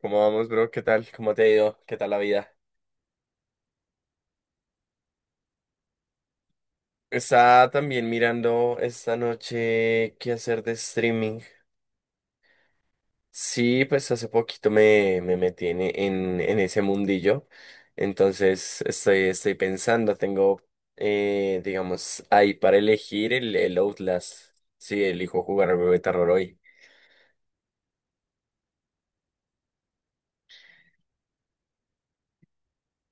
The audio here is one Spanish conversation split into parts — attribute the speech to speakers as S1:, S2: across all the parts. S1: ¿Cómo vamos, bro? ¿Qué tal? ¿Cómo te ha ido? ¿Qué tal la vida? Estaba también mirando esta noche qué hacer de streaming. Sí, pues hace poquito me metí en ese mundillo. Entonces estoy pensando, tengo, digamos, ahí para elegir el Outlast. Sí, elijo jugar al juego de terror hoy.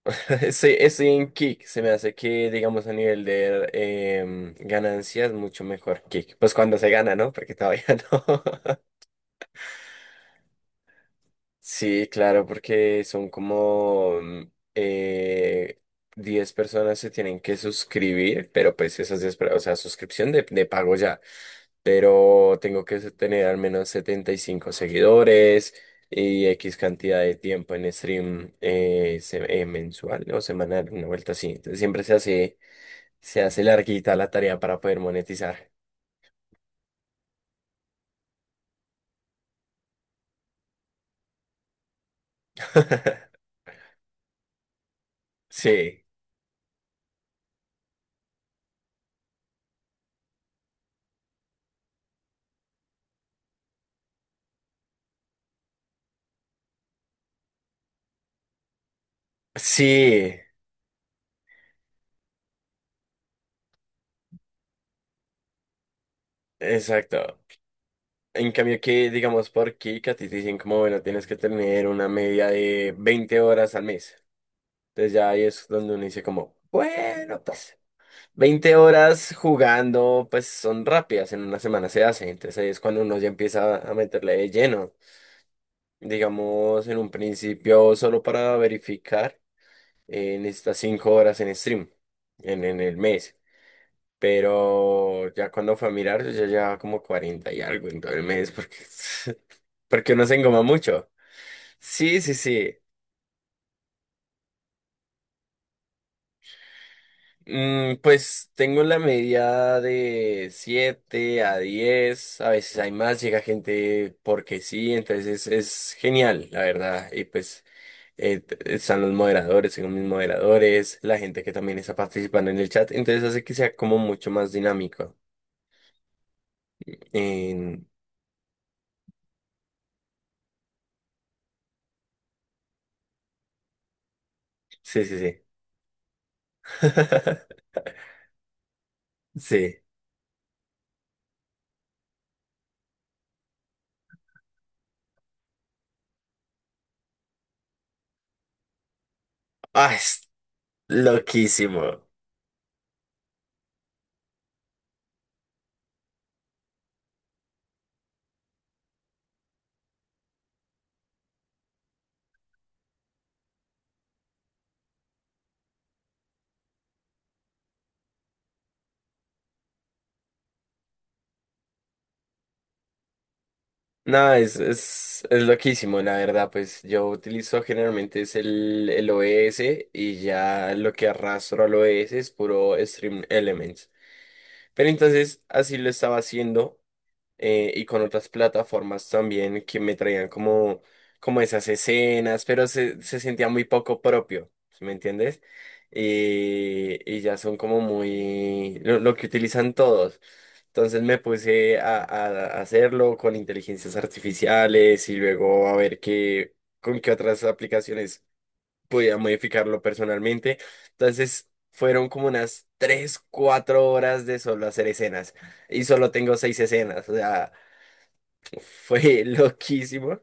S1: Estoy en Kick. Se me hace que, digamos, a nivel de ganancias, mucho mejor Kick. Pues cuando se gana, ¿no? Porque todavía no. Sí, claro, porque son como 10 personas se tienen que suscribir, pero pues esas o sea, suscripción de pago ya, pero tengo que tener al menos 75 seguidores y X cantidad de tiempo en stream mensual o semanal, una vuelta así. Entonces siempre se hace larguita la tarea para poder monetizar. Sí, sí, exacto. En cambio que, digamos, por aquí, que a ti te dicen como, bueno, tienes que tener una media de 20 horas al mes. Entonces ya ahí es donde uno dice como, bueno, pues 20 horas jugando, pues son rápidas, en una semana se hace. Entonces ahí es cuando uno ya empieza a meterle de lleno. Digamos, en un principio, solo para verificar, en necesitas 5 horas en stream, en el mes. Pero ya cuando fue a mirar, yo ya llevaba como 40 y algo en todo el mes, porque, porque uno se engoma mucho. Sí, sí, sí. Mm, pues tengo la media de 7 a 10 a veces hay más, llega gente porque sí, entonces es genial, la verdad. Y pues están los moderadores, tengo mis moderadores, la gente que también está participando en el chat, entonces hace que sea como mucho más dinámico. En- Sí, sí, sí. Sí. Ah, es loquísimo. No, es loquísimo, la verdad. Pues yo utilizo generalmente es el OBS y ya lo que arrastro al OBS es puro Stream Elements. Pero entonces así lo estaba haciendo y con otras plataformas también que me traían como, como esas escenas, pero se sentía muy poco propio, ¿sí me entiendes? Y ya son como muy lo que utilizan todos. Entonces me puse a hacerlo con inteligencias artificiales y luego a ver qué, con qué otras aplicaciones podía modificarlo personalmente. Entonces fueron como unas 3 4 horas de solo hacer escenas y solo tengo 6 escenas. O sea, fue loquísimo.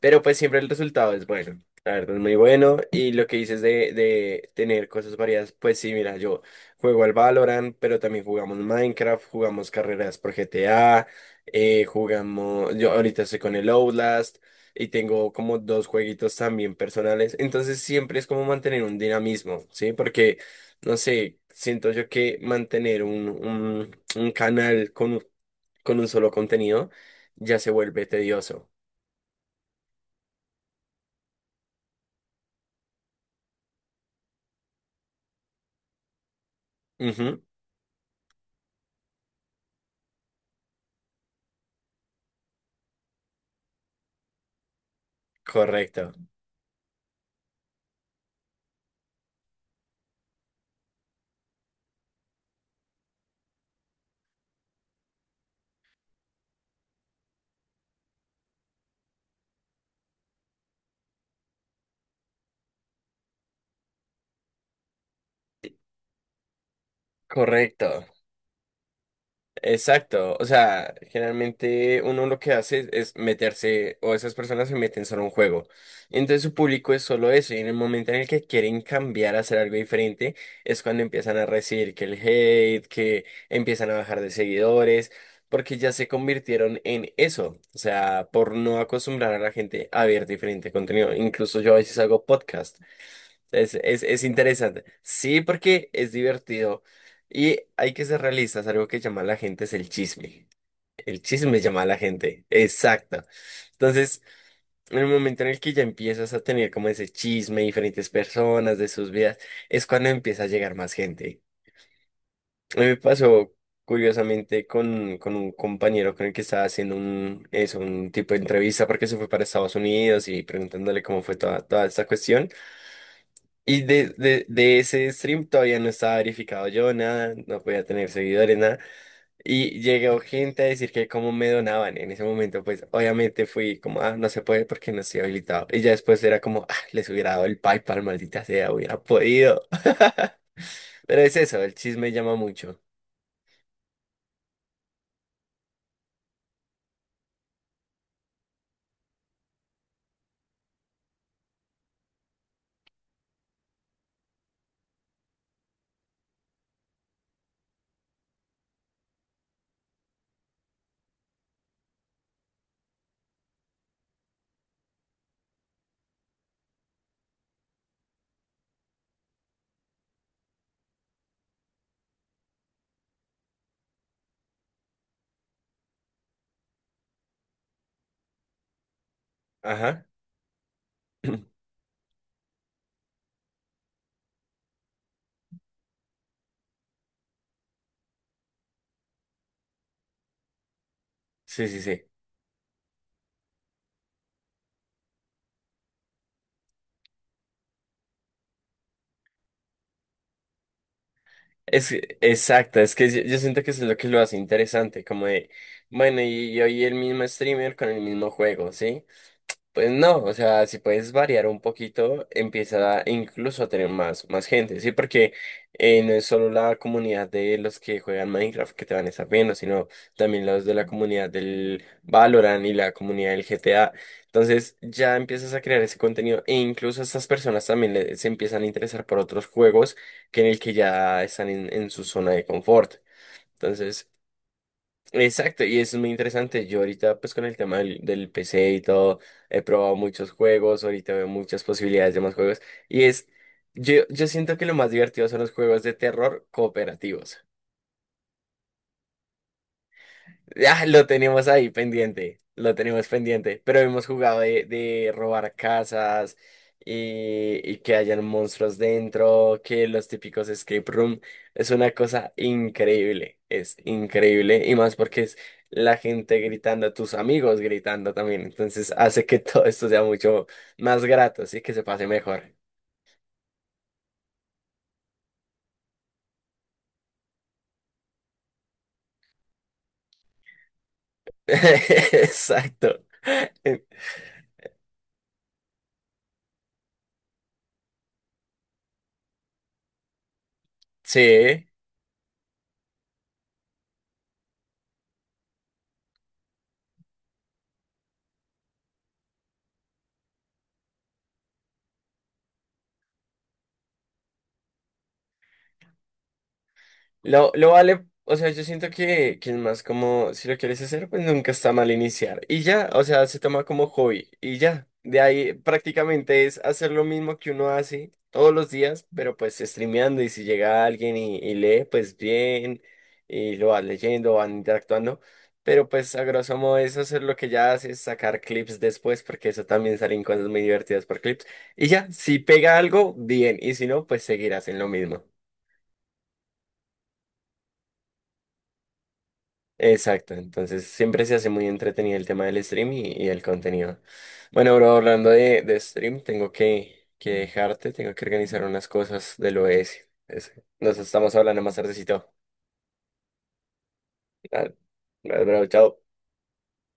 S1: Pero pues siempre el resultado es bueno, la verdad es muy bueno. Y lo que dices de tener cosas variadas, pues sí, mira, yo juego al Valorant, pero también jugamos Minecraft, jugamos carreras por GTA, jugamos, yo ahorita estoy con el Outlast y tengo como dos jueguitos también personales. Entonces siempre es como mantener un dinamismo, ¿sí? Porque, no sé, siento yo que mantener un canal con un solo contenido ya se vuelve tedioso. Ujú. Correcto, correcto, exacto. O sea, generalmente uno lo que hace es meterse, o esas personas se meten solo a un juego. Entonces su público es solo eso, y en el momento en el que quieren cambiar a hacer algo diferente, es cuando empiezan a recibir que el hate, que empiezan a bajar de seguidores, porque ya se convirtieron en eso. O sea, por no acostumbrar a la gente a ver diferente contenido. Incluso yo a veces hago podcast. Es interesante. Sí, porque es divertido. Y hay que ser realistas. Algo que llama a la gente es el chisme. El chisme llama a la gente. Exacto. Entonces, en el momento en el que ya empiezas a tener como ese chisme, diferentes personas de sus vidas, es cuando empieza a llegar más gente. A mí me pasó curiosamente con un compañero con el que estaba haciendo un, eso, un tipo de entrevista porque se fue para Estados Unidos y preguntándole cómo fue toda, toda esta cuestión. Y de ese stream todavía no estaba verificado yo, nada, no podía tener seguidores, nada. Y llegó gente a decir que cómo me donaban en ese momento, pues obviamente fui como, ah, no se puede porque no estoy habilitado. Y ya después era como, ah, les hubiera dado el PayPal, maldita sea, hubiera podido. Pero es eso, el chisme llama mucho. Ajá. Sí, sí, sí. Exacto, es que yo siento que eso es lo que lo hace interesante, como de, bueno, y hoy el mismo streamer con el mismo juego, ¿sí? Pues no, o sea, si puedes variar un poquito, incluso a tener más, más gente, ¿sí? Porque no es solo la comunidad de los que juegan Minecraft que te van a estar viendo, sino también los de la comunidad del Valorant y la comunidad del GTA. Entonces ya empiezas a crear ese contenido e incluso estas personas también se empiezan a interesar por otros juegos que en el que ya están en su zona de confort. Entonces exacto, y eso es muy interesante. Yo ahorita, pues con el tema del PC y todo, he probado muchos juegos, ahorita veo muchas posibilidades de más juegos. Y es, yo, yo siento que lo más divertido son los juegos de terror cooperativos. Ah, lo tenemos ahí pendiente, lo tenemos pendiente, pero hemos jugado de robar casas y que hayan monstruos dentro, que los típicos escape room, es una cosa increíble, es increíble y más porque es la gente gritando, tus amigos gritando también, entonces hace que todo esto sea mucho más grato, sí, que se pase mejor. Exacto. Sí. Lo vale, o sea, yo siento que es más como, si lo quieres hacer, pues nunca está mal iniciar. Y ya, o sea, se toma como hobby y ya. De ahí prácticamente es hacer lo mismo que uno hace todos los días, pero pues streameando y si llega alguien y lee, pues bien, y lo vas leyendo, van interactuando. Pero pues a grosso modo es hacer lo que ya haces, sacar clips después, porque eso también salen cosas muy divertidas por clips. Y ya, si pega algo, bien, y si no, pues seguirás en lo mismo. Exacto, entonces siempre se hace muy entretenido el tema del stream y el contenido. Bueno, bro, hablando de stream, tengo que dejarte, tengo que organizar unas cosas del OS. Ese. Nos estamos hablando más tardecito. Ah, bro, chao.